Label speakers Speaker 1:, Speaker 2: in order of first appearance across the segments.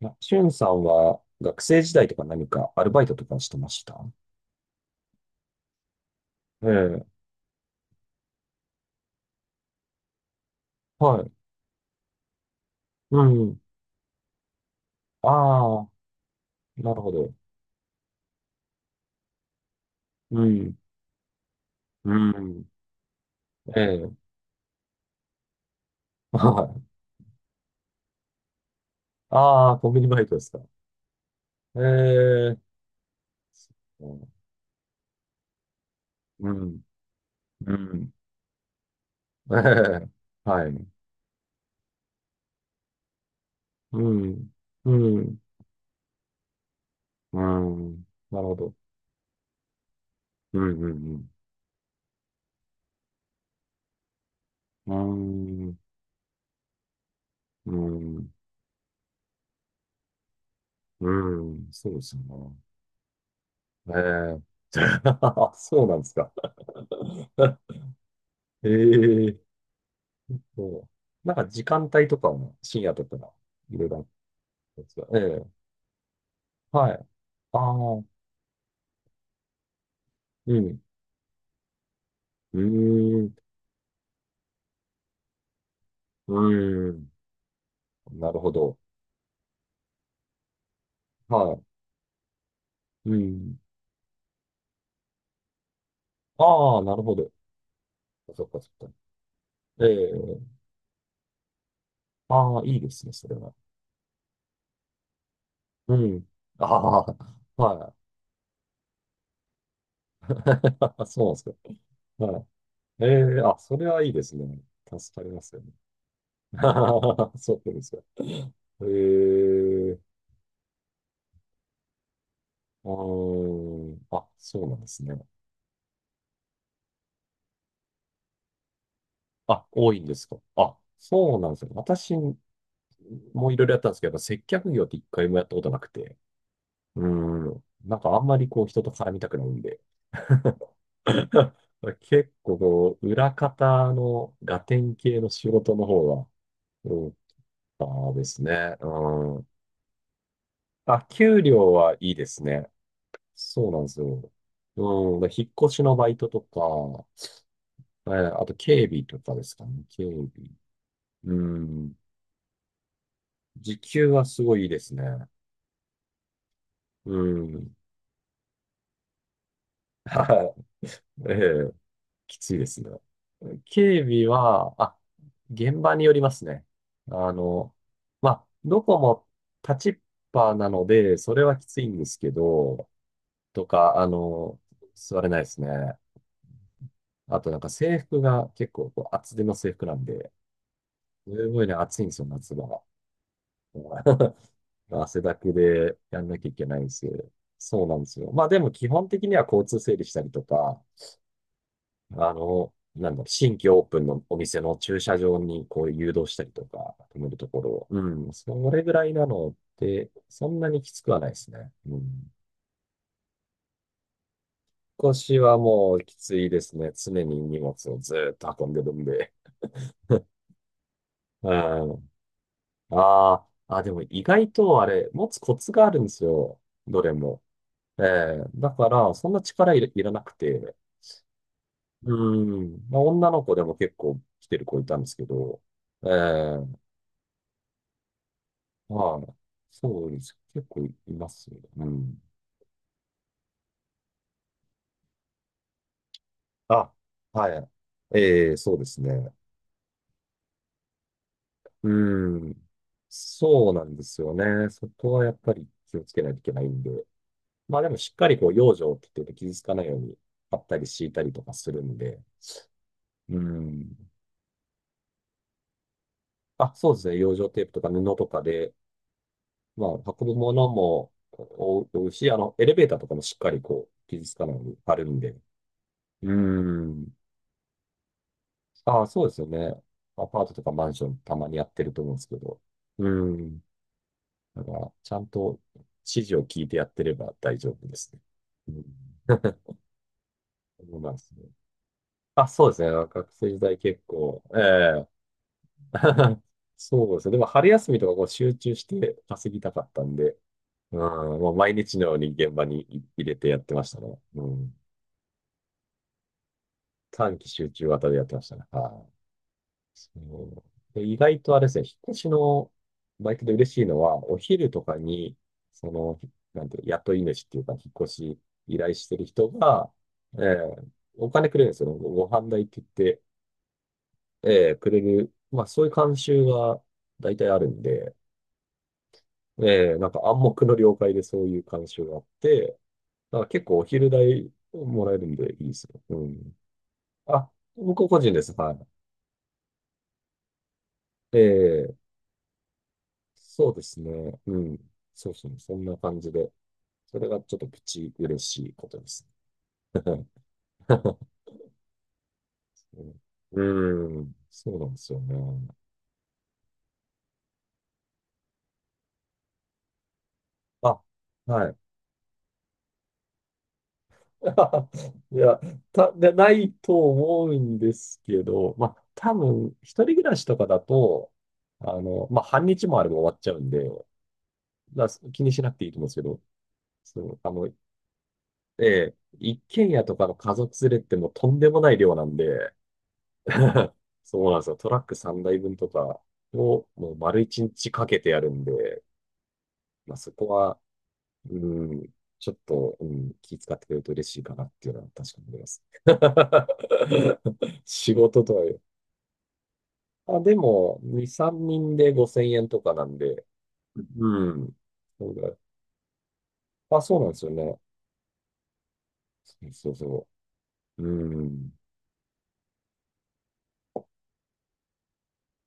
Speaker 1: なしゅんさんは学生時代とか何かアルバイトとかしてましたええ、はい。うん。ああ、なるほど。うん。うん。ええ、はい。ああ、コンビニバイトですか。ええ、うん。うん。ええ、はい。うん。うん。うん。なるほど。うん。うん。うん。うん。うん。うんそうですよね。ええ。そうなんですか。ええそう。なんか時間帯とかも深夜とかいろいろあったんですが、ええ、はい。ああ、うん、うーん、うーん、なるほど。はい、うん。ああ、なるほど。そっかそっか。ええ、ああ、いいですね、それは。うん。ああ、はい。そうなんですか。はい。ええ、あ、それはいいですね。助かりますよね。そうですか。ええ、あーあ、そうなんですね。あ、多いんですか。あ、そうなんですよ。私もいろいろやったんですけど、やっぱ接客業って一回もやったことなくて。うーん。なんかあんまりこう人と絡みたくないんで。結構こう、裏方のガテン系の仕事の方が多かったですね。うん。あ、給料はいいですね。そうなんですよ。うん。で引っ越しのバイトとか、あと警備とかですかね。警備。うん。時給はすごいいいですね。うん。はい。ええ、きついですね。警備は、現場によりますね。あの、まあ、どこも立ちっぱなので、それはきついんですけど、とか、あの、座れないですね。あとなんか制服が結構こう厚手の制服なんで、すごいね、暑いんですよ、夏が。汗だくでやんなきゃいけないんですよ。そうなんですよ。まあでも基本的には交通整理したりとか、新規オープンのお店の駐車場にこう誘導したりとか、止めるところを。うん、それぐらいなので、そんなにきつくはないですね。うん。引っ越しはもうきついですね。常に荷物をずーっと運んでるんで。うん。ああ、あ、でも意外とあれ、持つコツがあるんですよ。どれも。ええだから、そんな力いら、いらなくて。うん。まあ、女の子でも結構来てる子いたんですけど、ええはい。そうです。結構いますよね。うん。あ、はい。ええ、そうですね。うん。そうなんですよね。そこはやっぱり気をつけないといけないんで。まあでもしっかりこう、養生って言って傷つかないように、貼ったり敷いたりとかするんで。うん。あ、そうですね。養生テープとか布とかで、まあ、運ぶものも覆うし、エレベーターとかもしっかりこう、傷つかないように貼るんで。うん。ああ、そうですよね。アパートとかマンションたまにやってると思うんですけど。うん。だから、ちゃんと指示を聞いてやってれば大丈夫ですね。うん。そうなんですね。あ、そうですね。学生時代結構、ええ そうですね。でも春休みとかこう集中して稼ぎたかったんで、うん、もう毎日のように現場に入れてやってましたね。うん。短期集中型でやってましたね。はいそうで、意外とあれですね、引っ越しのバイトで嬉しいのは、お昼とかに、その、なんていう、雇い主っていうか、引っ越し依頼してる人が、えーお金くれるんですよ。ご飯代って言って、くれる。まあ、そういう慣習が大体あるんで、なんか暗黙の了解でそういう慣習があって、だから結構お昼代もらえるんでいいですよ。うん。あ、僕個人です。はい。ええそうですね。うん。そうそう、そんな感じで。それがちょっとプチ嬉しいことです。うん、うんそうなんですよね。あ、はい。いや、ないと思うんですけど、まあ、多分、一人暮らしとかだと、まあ、半日もあれば終わっちゃうんで、だから気にしなくていいと思うんですけど、そう、あの、ええ、一軒家とかの家族連れってもうとんでもない量なんで、そうなんですよ。トラック3台分とかをもう丸1日かけてやるんで、まあそこは、うん、ちょっと、うん、気遣ってくれると嬉しいかなっていうのは確かに思います。仕事とは言う。あ、でも、2、3人で5000円とかなんで、うん。そうだあ、そうなんですよね。そうそうそう。うん。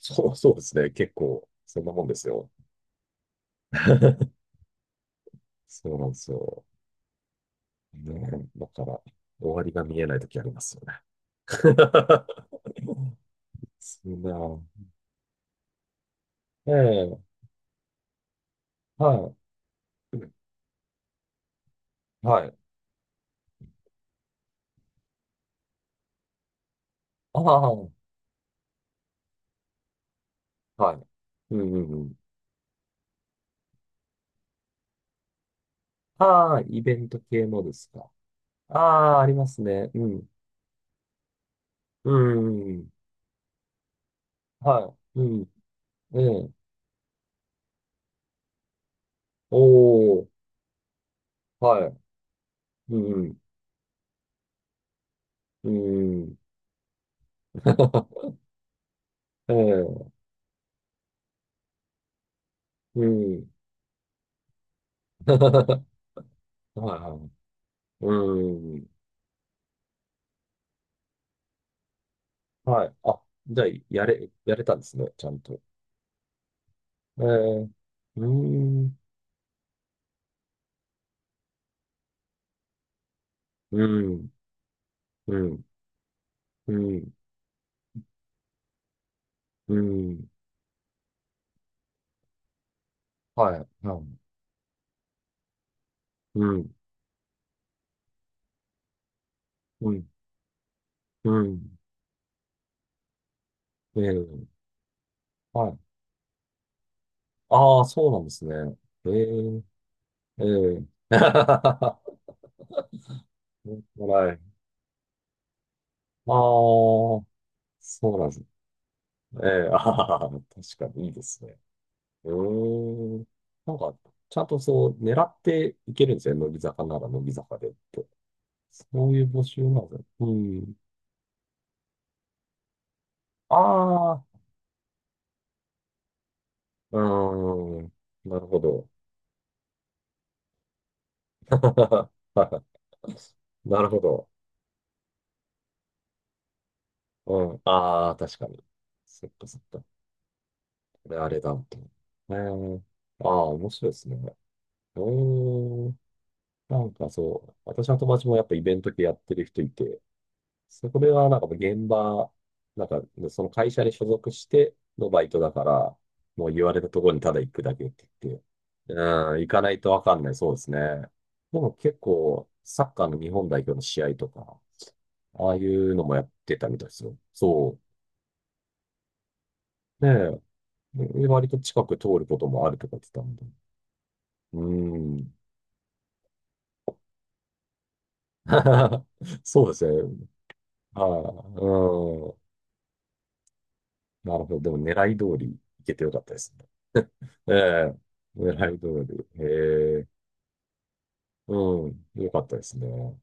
Speaker 1: そう、そうですね。結構、そんなもんですよ。そうなんですよ。ねえ、だから、終わりが見えない時ありますよね。そうね。ええ、はい。うんはい。ああ、はい。うんうんうん。ああ、イベント系のですか。ああ、ありますね。うん。うんうんうん。はい。うん。ええ。おお、はい。うんうん。うん。ええ、うん。はいはい。うん。はい。あ、じゃあ、やれ、やれたんですね、ちゃんと。ええ、うん。うん、うん、うん、うん、はい。うん。うん、うん、うん、ええ、はい。ああ、そうなんですね。ええ、ええ。はい。ああ、そうなんですね。ええ、ああ、確かにいいですね。うーん。なんか、ちゃんとそう、狙っていけるんですよね。乃木坂なら乃木坂でって。そういう募集なんですね。うん。ああ、うーん。なるほど。なるほど。うん。ああ、確かに。そっかそっか。これあれだ、と。えー、ああ、面白いですね。うーん。なんかそう、私の友達もやっぱイベント系やってる人いて、そこではなんか現場、なんかねその会社に所属してのバイトだから、もう言われたところにただ行くだけって言って、うん、行かないとわかんない。そうですね。でも結構、サッカーの日本代表の試合とか、ああいうのもやってたみたいですよ。そう。で、割と近く通ることもあるとか言ってたんで。うーん。そうですね。はい。うん。なるほど。でも狙い通り行けてよかったですね。ええ。狙い通り。へえ。うん。よかったですね。